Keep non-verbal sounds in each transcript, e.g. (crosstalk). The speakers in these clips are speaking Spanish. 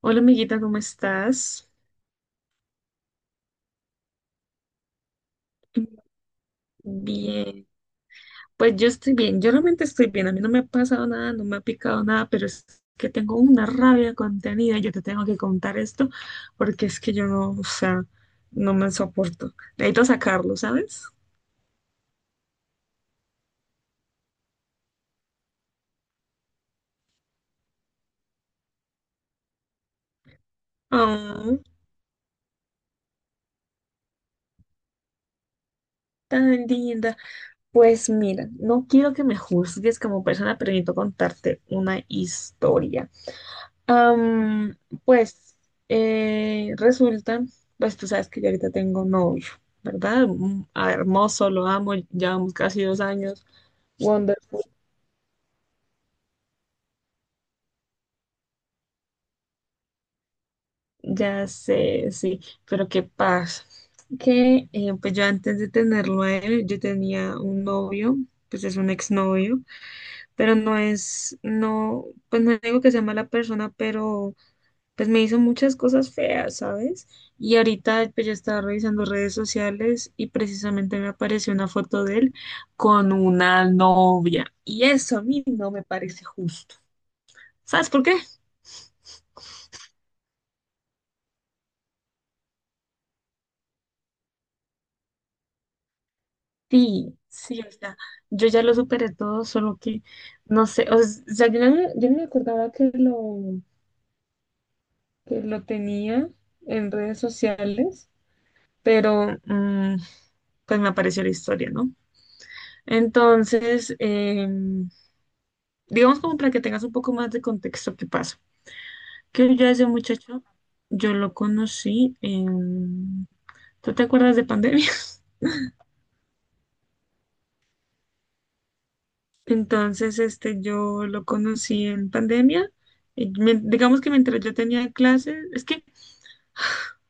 Hola amiguita, ¿cómo estás? Bien, pues yo estoy bien, yo realmente estoy bien, a mí no me ha pasado nada, no me ha picado nada, pero es que tengo una rabia contenida, yo te tengo que contar esto porque es que yo no, o sea, no me soporto, necesito sacarlo, ¿sabes? Oh, tan linda. Pues mira, no quiero que me juzgues como persona, pero necesito contarte una historia. Am, pues resulta, pues tú sabes que yo ahorita tengo novio, ¿verdad? Ah, hermoso, lo amo, llevamos casi 2 años. Wonderful. Ya sé, sí, pero ¿qué pasa? Que pues yo antes de tenerlo a él, yo tenía un novio, pues es un exnovio, pero no es, no, pues no digo que sea mala persona, pero pues me hizo muchas cosas feas, ¿sabes? Y ahorita pues yo estaba revisando redes sociales y precisamente me apareció una foto de él con una novia. Y eso a mí no me parece justo. ¿Sabes por qué? Sí, sí, o sea, yo ya lo superé todo, solo que no sé, o sea, yo no me acordaba que lo tenía en redes sociales, pero pues me apareció la historia, ¿no? Entonces, digamos como para que tengas un poco más de contexto qué pasa. Que yo a ese muchacho, yo lo conocí en... ¿Tú te acuerdas de pandemia? (laughs) Entonces, este, yo lo conocí en pandemia. Y digamos que mientras yo tenía clases, es que,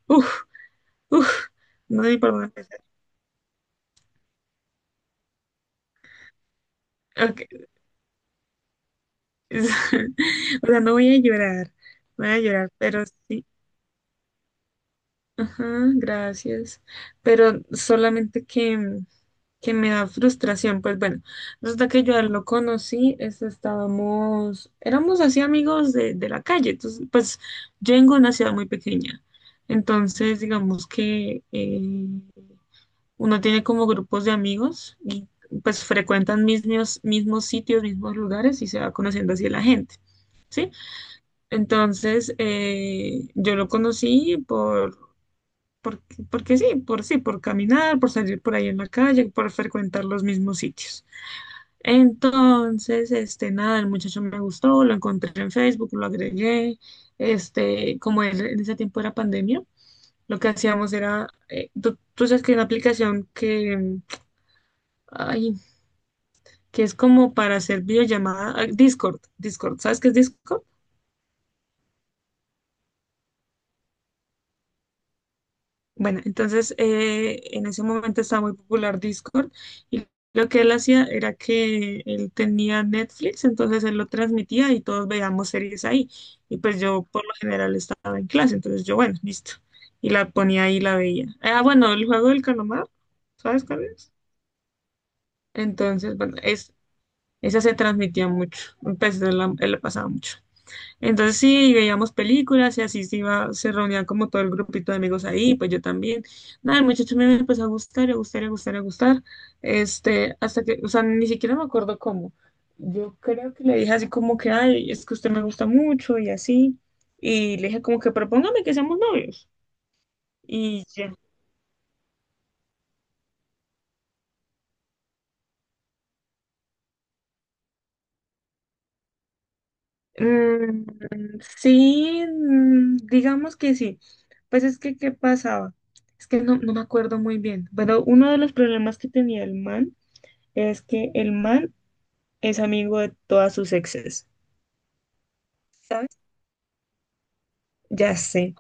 uff, uff, no sé ni por dónde empezar. Ok. (laughs) O sea, no voy a llorar, no voy a llorar, pero sí, ajá, gracias. Pero solamente que me da frustración. Pues bueno, resulta que yo a él lo conocí, estábamos, éramos así amigos de la calle. Entonces, pues yo vengo de una ciudad muy pequeña. Entonces, digamos que uno tiene como grupos de amigos y pues frecuentan mismos sitios, mismos lugares y se va conociendo así la gente, ¿sí? Entonces, yo lo conocí porque, porque sí, por sí, por caminar, por salir por ahí en la calle, por frecuentar los mismos sitios. Entonces, este, nada, el muchacho me gustó, lo encontré en Facebook, lo agregué, este, en ese tiempo era pandemia, lo que hacíamos era, tú sabes que hay una aplicación que, ay, que es como para hacer videollamada, ah, Discord, Discord, ¿sabes qué es Discord? Bueno, entonces en ese momento estaba muy popular Discord y lo que él hacía era que él tenía Netflix, entonces él lo transmitía y todos veíamos series ahí. Y pues yo por lo general estaba en clase, entonces yo, bueno, listo. Y la ponía ahí y la veía. Ah, bueno, el juego del calamar, ¿sabes cuál es? Entonces, bueno, esa se transmitía mucho, pues él la pasaba mucho. Entonces sí, veíamos películas y así se iba, se reunían como todo el grupito de amigos ahí, pues yo también. Nada, el muchacho me empezó a gustar, a gustar, a gustar, a gustar. Este, hasta que, o sea, ni siquiera me acuerdo cómo. Yo creo que le dije así como que, ay, es que usted me gusta mucho y así. Y le dije como que propóngame que seamos novios. Y ya. Mm, sí, digamos que sí. Pues es que, ¿qué pasaba? Es que no, no me acuerdo muy bien. Pero uno de los problemas que tenía el man, es que el man es amigo de todas sus exes, ¿sabes? Ya sé.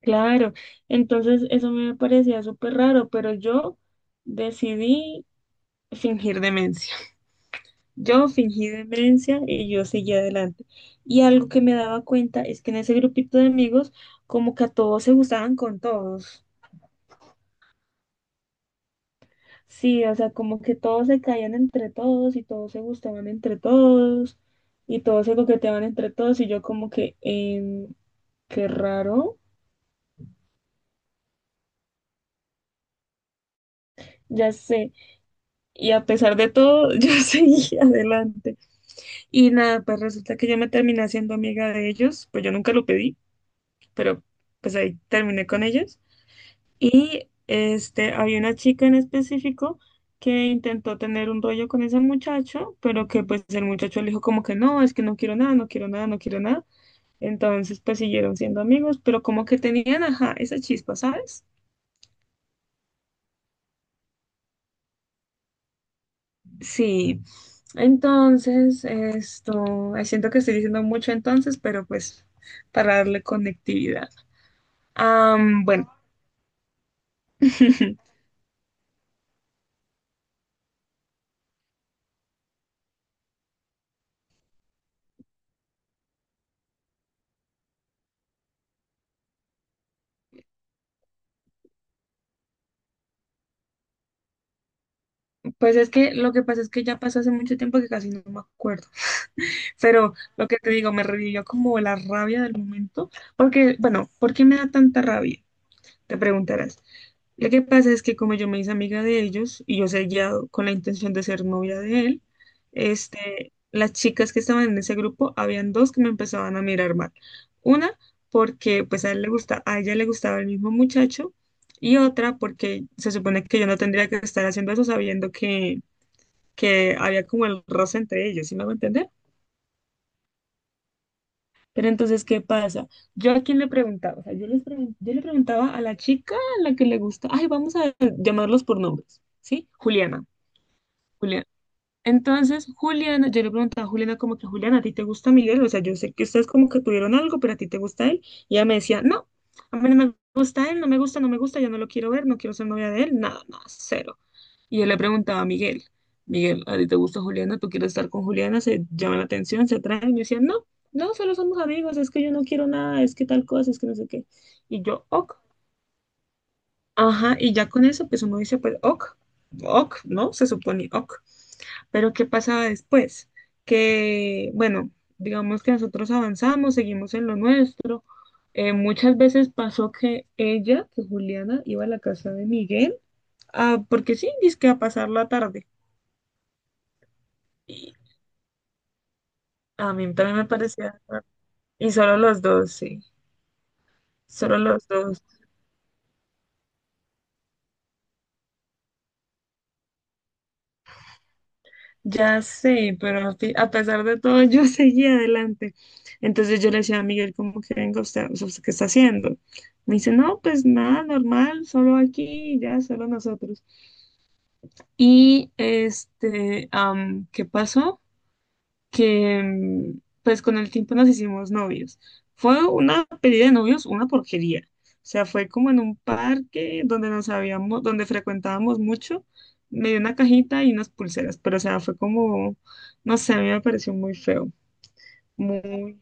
Claro. Entonces eso me parecía súper raro, pero yo decidí fingir demencia. Yo fingí demencia y yo seguí adelante. Y algo que me daba cuenta es que en ese grupito de amigos, como que a todos se gustaban con todos. Sí, o sea, como que todos se caían entre todos y todos se gustaban entre todos y todos se coqueteaban entre todos y yo como que, qué raro, ya sé. Y a pesar de todo, (laughs) yo seguí adelante. Y nada, pues resulta que yo me terminé haciendo amiga de ellos, pues yo nunca lo pedí, pero pues ahí terminé con ellos. Y este, había una chica en específico que intentó tener un rollo con ese muchacho, pero que pues el muchacho le dijo como que no, es que no quiero nada, no quiero nada, no quiero nada. Entonces pues siguieron siendo amigos, pero como que tenían, ajá, esa chispa, ¿sabes? Sí, entonces, esto, ay, siento que estoy diciendo mucho entonces, pero pues para darle conectividad. Bueno. (laughs) Pues es que lo que pasa es que ya pasó hace mucho tiempo que casi no me acuerdo, pero lo que te digo, me revivió como la rabia del momento, porque, bueno, ¿por qué me da tanta rabia? Te preguntarás. Lo que pasa es que como yo me hice amiga de ellos y yo seguía con la intención de ser novia de él, este, las chicas que estaban en ese grupo, habían dos que me empezaban a mirar mal. Una porque pues a ella le gustaba el mismo muchacho y otra porque se supone que yo no tendría que estar haciendo eso sabiendo que había como el roce entre ellos, ¿sí me va a entender? Pero entonces, ¿qué pasa? Yo a quién le preguntaba, o sea, yo le preguntaba a la chica a la que le gusta, ay, vamos a llamarlos por nombres, ¿sí? Juliana, Juliana. Entonces, Juliana, yo le preguntaba a Juliana como que, Juliana, ¿a ti te gusta Miguel? O sea, yo sé que ustedes como que tuvieron algo, pero ¿a ti te gusta él? Y ella me decía, no, a mí no me gusta él, no me gusta, no me gusta, yo no lo quiero ver, no quiero ser novia de él, nada, nada, cero. Y yo le preguntaba a Miguel, Miguel, ¿a ti te gusta Juliana? ¿Tú quieres estar con Juliana? ¿Se llama la atención? ¿Se atraen? Y me decían, no, no, solo somos amigos, es que yo no quiero nada, es que tal cosa, es que no sé qué. Y yo, ok, ajá, y ya con eso, pues uno dice, pues ok, ok, ¿no? Se supone ok. Pero ¿qué pasaba después? Que, bueno, digamos que nosotros avanzamos, seguimos en lo nuestro. Muchas veces pasó que ella, que Juliana, iba a la casa de Miguel, ah, porque sí, dizque a pasar la tarde. A mí también me parecía. Y solo los dos, sí. Solo los dos. Ya sé, pero a pesar de todo, yo (laughs) seguía adelante. Entonces yo le decía a Miguel, como que venga usted, o sea, usted, ¿qué está haciendo? Me dice, no, pues nada, normal, solo aquí, ya, solo nosotros. Y este, ¿qué pasó? Que pues con el tiempo nos hicimos novios. Fue una pedida de novios, una porquería. O sea, fue como en un parque donde nos habíamos, donde frecuentábamos mucho. Me dio una cajita y unas pulseras, pero o sea, fue como, no sé, a mí me pareció muy feo, muy...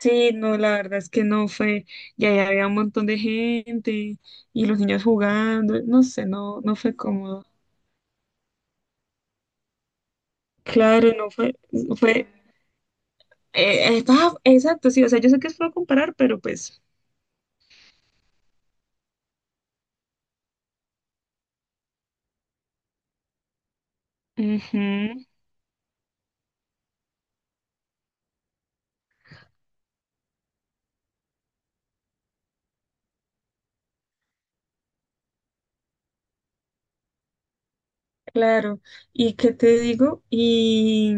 Sí, no, la verdad es que no fue, y ahí había un montón de gente y los niños jugando, no sé, no, no fue cómodo. Claro, no fue, estaba, exacto, sí, o sea, yo sé que es feo comparar, pero pues ujú. Claro, ¿y qué te digo? Y,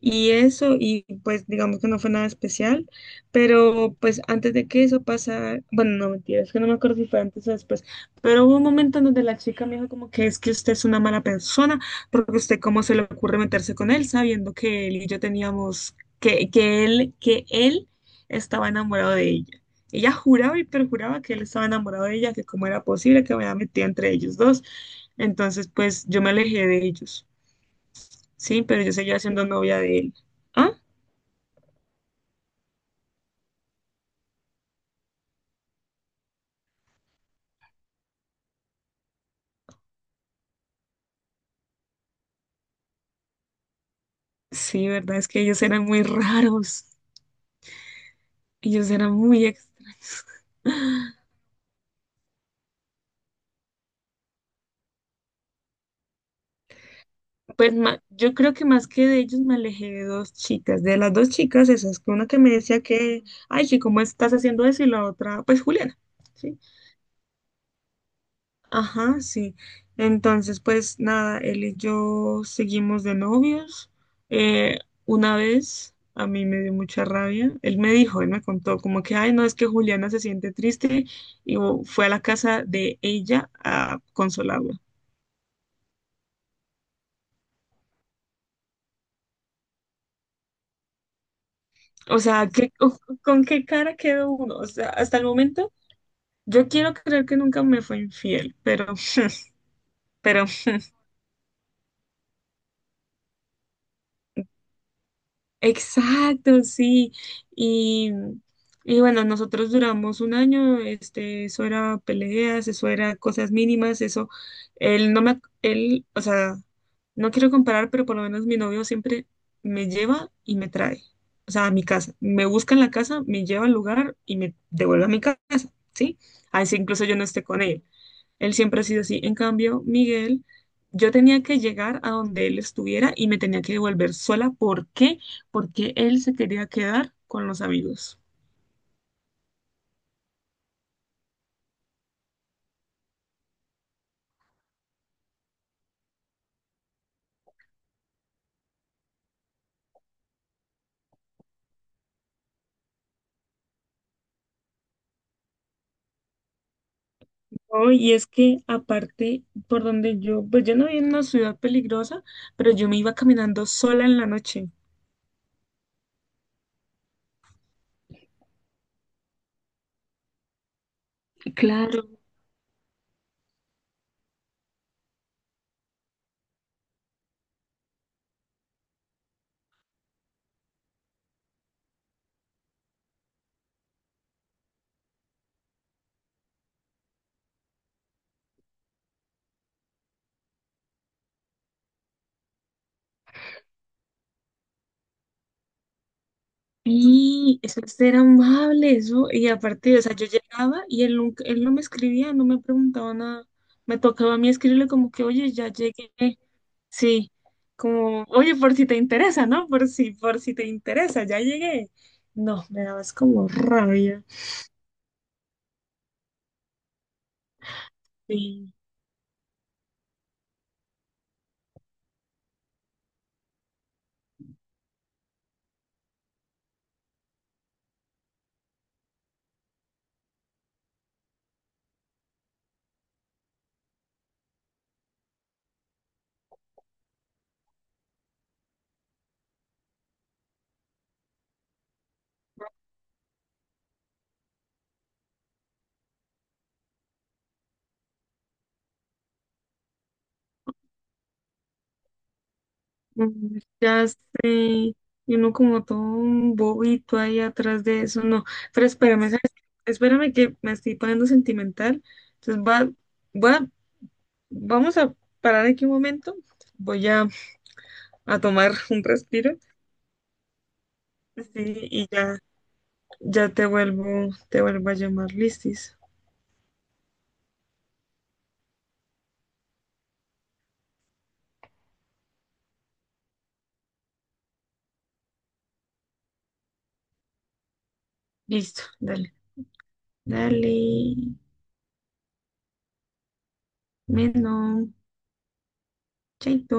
y eso, y pues digamos que no fue nada especial, pero pues antes de que eso pasara, bueno, no mentira, es que no me acuerdo si fue antes o después, pero hubo un momento en donde la chica me dijo como que es que usted es una mala persona, porque usted cómo se le ocurre meterse con él sabiendo que él y yo teníamos, que él estaba enamorado de ella. Ella juraba y perjuraba que él estaba enamorado de ella, que cómo era posible que me había metido entre ellos dos. Entonces, pues yo me alejé de ellos. Sí, pero yo seguía siendo novia de él. ¿Ah? Sí, verdad, es que ellos eran muy raros. Ellos eran muy extraños. (laughs) Yo creo que más que de ellos me alejé de dos chicas, de las dos chicas esas, que una que me decía que, ay, sí, ¿cómo estás haciendo eso? Y la otra, pues Juliana, ¿sí? Ajá, sí. Entonces, pues nada, él y yo seguimos de novios. Eh, una vez a mí me dio mucha rabia. Él me dijo, él me contó como que, ay, no, es que Juliana se siente triste y oh, fue a la casa de ella a consolarla. O sea, ¿qué- con qué cara quedó uno? O sea, hasta el momento yo quiero creer que nunca me fue infiel, pero exacto, sí. Y, y bueno, nosotros duramos un año, este, eso era peleas, eso era cosas mínimas, eso, él no me, él, o sea, no quiero comparar, pero por lo menos mi novio siempre me lleva y me trae, o sea, a mi casa, me busca en la casa, me lleva al lugar y me devuelve a mi casa, ¿sí? A veces incluso yo no esté con él. Él siempre ha sido así. En cambio, Miguel, yo tenía que llegar a donde él estuviera y me tenía que devolver sola. ¿Por qué? Porque él se quería quedar con los amigos. Oh, y es que aparte, por donde yo, pues yo no vivía en una ciudad peligrosa, pero yo me iba caminando sola en la noche. Claro. Y eso es ser amable, eso. Y aparte, o sea, yo llegaba y él, él no me escribía, no me preguntaba nada. Me tocaba a mí escribirle como que, oye, ya llegué. Sí, como, oye, por si te interesa, ¿no? Por si te interesa, ya llegué. No, me dabas como rabia. Sí, ya sé. Y uno como todo un bobito ahí atrás de eso, no. Pero espérame, ¿sabes qué? Espérame que me estoy poniendo sentimental. Entonces va, vamos a parar aquí un momento. Voy a, tomar un respiro. Sí, y ya, ya te vuelvo, a llamar, listis. Listo, dale. Dale, menos, chaito.